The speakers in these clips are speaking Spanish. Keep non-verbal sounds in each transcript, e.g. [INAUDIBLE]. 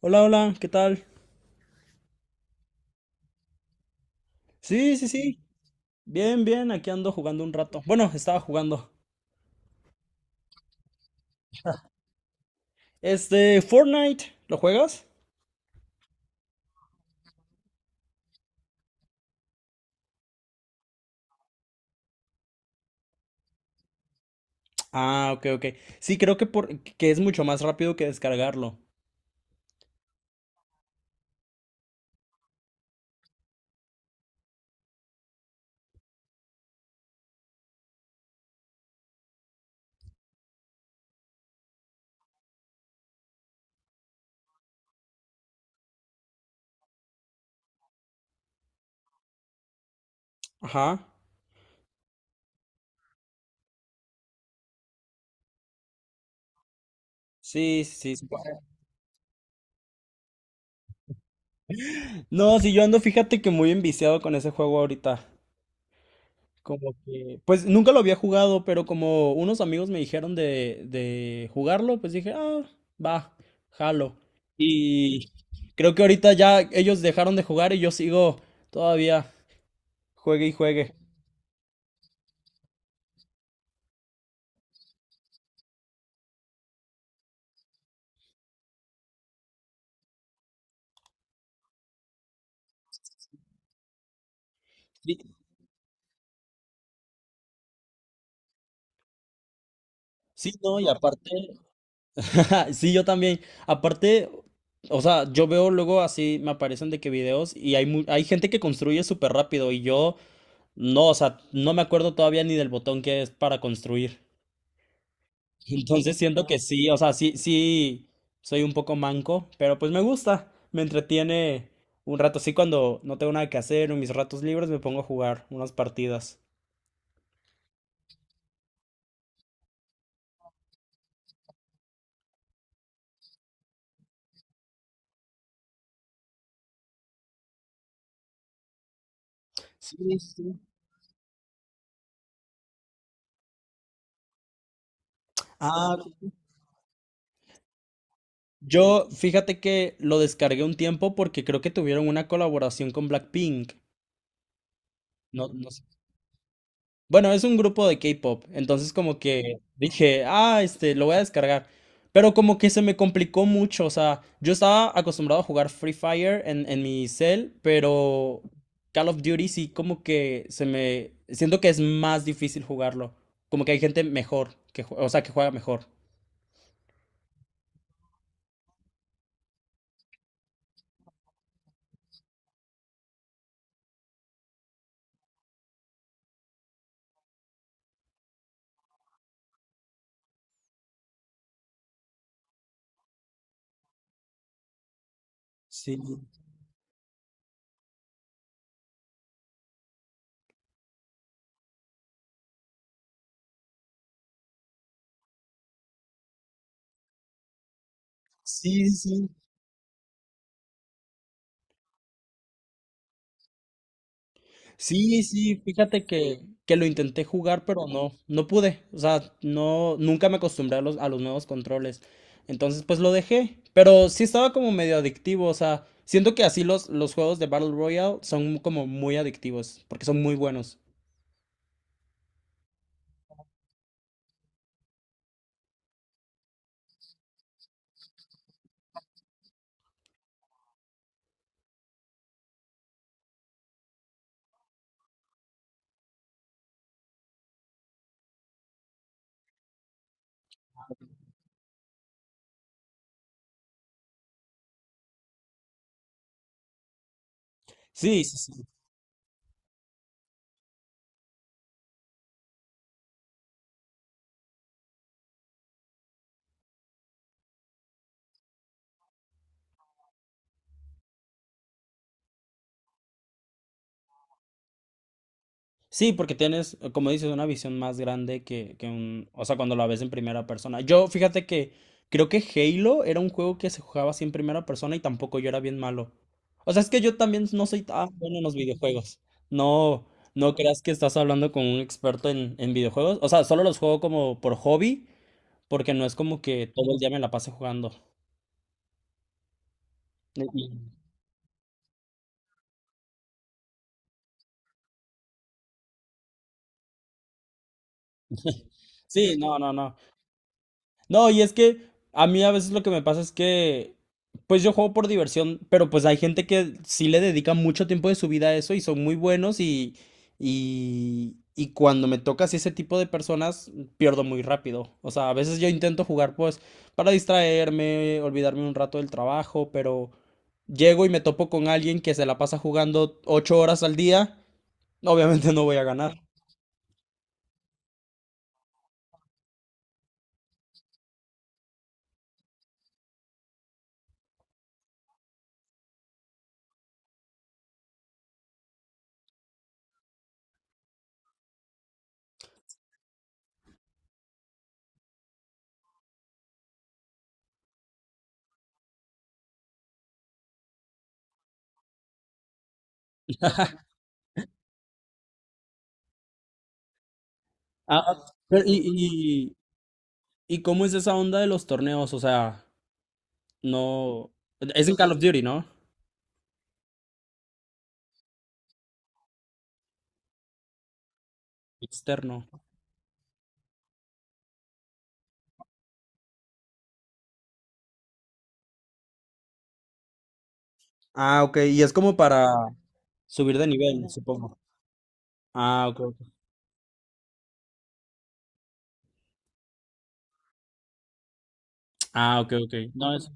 Hola, hola, ¿qué tal? Sí, sí, sí. Bien, bien, aquí ando jugando un rato. Bueno, estaba jugando. Fortnite, ¿lo juegas? Ah, ok, ok. Sí, creo que es mucho más rápido que descargarlo. Ajá. Sí, sí, sí. Sí puede. No, sí, yo ando, fíjate que muy enviciado con ese juego ahorita. Como que, pues nunca lo había jugado, pero como unos amigos me dijeron de jugarlo, pues dije, ah, va, jalo. Y creo que ahorita ya ellos dejaron de jugar y yo sigo todavía, juegue y juegue. Sí, sí, no, y aparte, [LAUGHS] sí, yo también. Aparte, o sea, yo veo luego así, me aparecen de que videos y hay gente que construye súper rápido y yo no, o sea, no me acuerdo todavía ni del botón que es para construir. Entonces siento que sí, o sea, sí, sí, soy un poco manco, pero pues me gusta, me entretiene un rato. Sí, cuando no tengo nada que hacer, en mis ratos libres me pongo a jugar unas partidas. Sí, sí. Ah, yo fíjate que lo descargué un tiempo porque creo que tuvieron una colaboración con Blackpink. No, no. Bueno, es un grupo de K-pop, entonces como que dije, ah, lo voy a descargar. Pero como que se me complicó mucho, o sea, yo estaba acostumbrado a jugar Free Fire en mi cel, pero Call of Duty sí como que se me. Siento que es más difícil jugarlo, como que hay gente mejor, o sea, que juega mejor. Sí, sí, sí. Sí, sí, fíjate que lo intenté jugar, pero no, no pude. O sea, no, nunca me acostumbré a los nuevos controles. Entonces, pues lo dejé. Pero sí estaba como medio adictivo. O sea, siento que así los juegos de Battle Royale son como muy adictivos, porque son muy buenos. Sí, sí, sí. Sí, porque tienes, como dices, una visión más grande que un. O sea, cuando la ves en primera persona. Yo, fíjate que creo que Halo era un juego que se jugaba así en primera persona y tampoco yo era bien malo. O sea, es que yo también no soy tan bueno en los videojuegos. No, no creas que estás hablando con un experto en videojuegos. O sea, solo los juego como por hobby, porque no es como que todo el día me la pase jugando. Y- y- [LAUGHS] Sí, no, no, no. No, y es que a mí a veces lo que me pasa es que, pues yo juego por diversión, pero pues hay gente que sí le dedica mucho tiempo de su vida a eso y son muy buenos y cuando me toca así ese tipo de personas, pierdo muy rápido. O sea, a veces yo intento jugar pues para distraerme, olvidarme un rato del trabajo, pero llego y me topo con alguien que se la pasa jugando 8 horas al día, obviamente no voy a ganar. Ah, pero ¿y cómo es esa onda de los torneos? O sea. No, es en Call of Duty, ¿no? Externo. Ah, ok. Y es como para subir de nivel, supongo. Ah, ok, ok. Ah, ok, ok. No, es.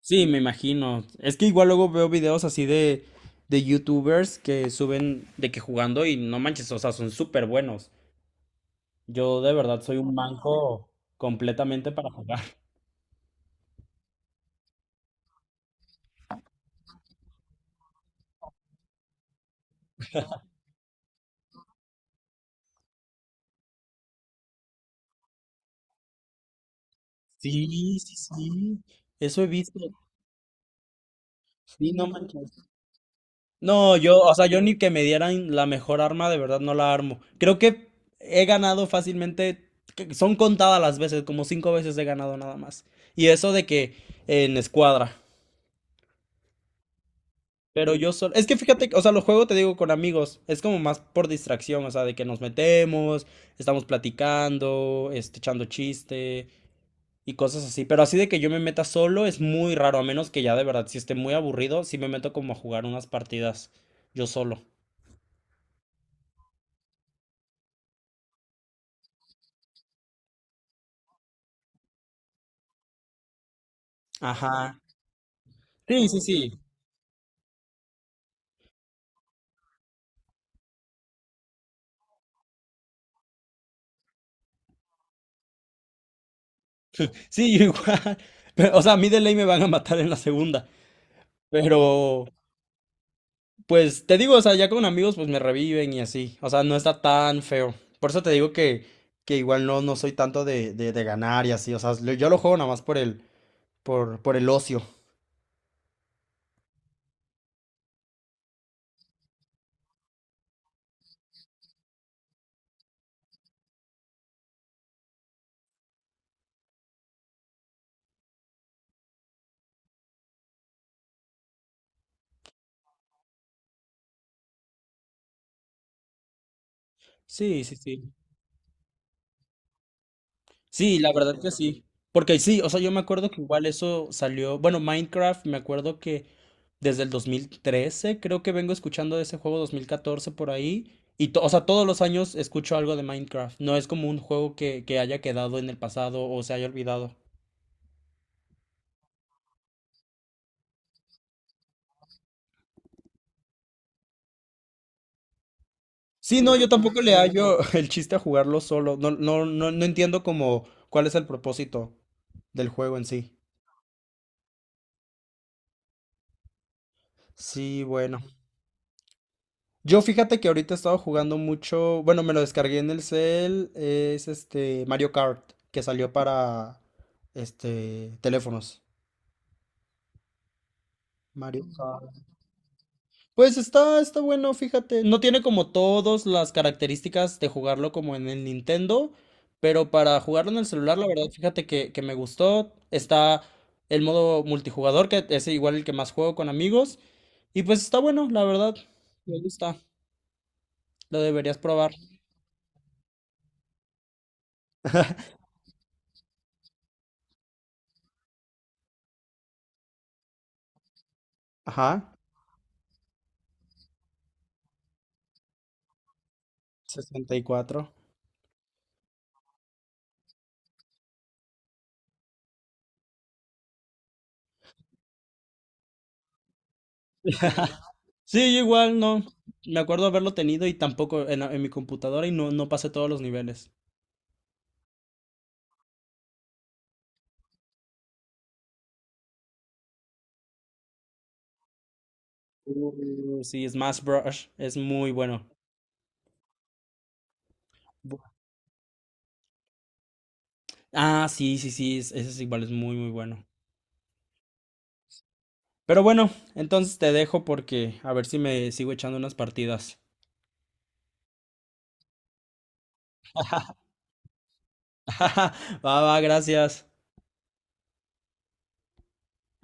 Sí, me imagino. Es que igual luego veo videos así de YouTubers que suben de que jugando y no manches, o sea, son súper buenos. Yo de verdad soy un manco completamente para jugar. [LAUGHS] Sí, sí, sí. Eso he visto. Sí, no manches. No, yo, o sea, yo ni que me dieran la mejor arma, de verdad no la armo. Creo que he ganado fácilmente, que son contadas las veces, como cinco veces he ganado nada más. Y eso de que en escuadra. Pero yo solo, es que fíjate, que, o sea, lo juego te digo con amigos, es como más por distracción, o sea, de que nos metemos, estamos platicando, echando chiste y cosas así. Pero así de que yo me meta solo es muy raro, a menos que ya de verdad, si esté muy aburrido, sí me meto como a jugar unas partidas yo solo. Ajá. Sí, sí, sí. Sí, yo igual. [LAUGHS] Pero, o sea, a mí de ley me van a matar en la segunda. Pero, pues, te digo, o sea, ya con amigos, pues me reviven y así. O sea, no está tan feo. Por eso te digo que igual no, no soy tanto de ganar y así. O sea, yo lo juego nada más por el ocio. Sí, sí, sí. Sí, la verdad que sí. Porque sí, o sea, yo me acuerdo que igual eso salió, bueno, Minecraft, me acuerdo que desde el 2013, creo que vengo escuchando de ese juego 2014 por ahí. Y, o sea, todos los años escucho algo de Minecraft. No es como un juego que haya quedado en el pasado o se haya olvidado. Sí, no, yo tampoco le hallo [LAUGHS] el chiste a jugarlo solo. No, no, no, no entiendo como cuál es el propósito del juego en sí. Sí, bueno. Yo fíjate que ahorita he estado jugando mucho, bueno, me lo descargué en el cel, es este Mario Kart, que salió para teléfonos. Mario Kart. Pues está bueno, fíjate. No tiene como todas las características de jugarlo como en el Nintendo, pero para jugarlo en el celular, la verdad, fíjate que me gustó. Está el modo multijugador, que es igual el que más juego con amigos. Y pues está bueno, la verdad. Me gusta. Lo deberías probar. Ajá. 64. Sí, yo igual no. Me acuerdo haberlo tenido y tampoco en mi computadora y no, no pasé todos los niveles. Sí, Smash Bros es muy bueno. Bu- Ah, sí, sí, sí, ese es igual, es muy, muy bueno. Pero bueno, entonces te dejo porque a ver si me sigo echando unas partidas. [LAUGHS] Va, va, gracias.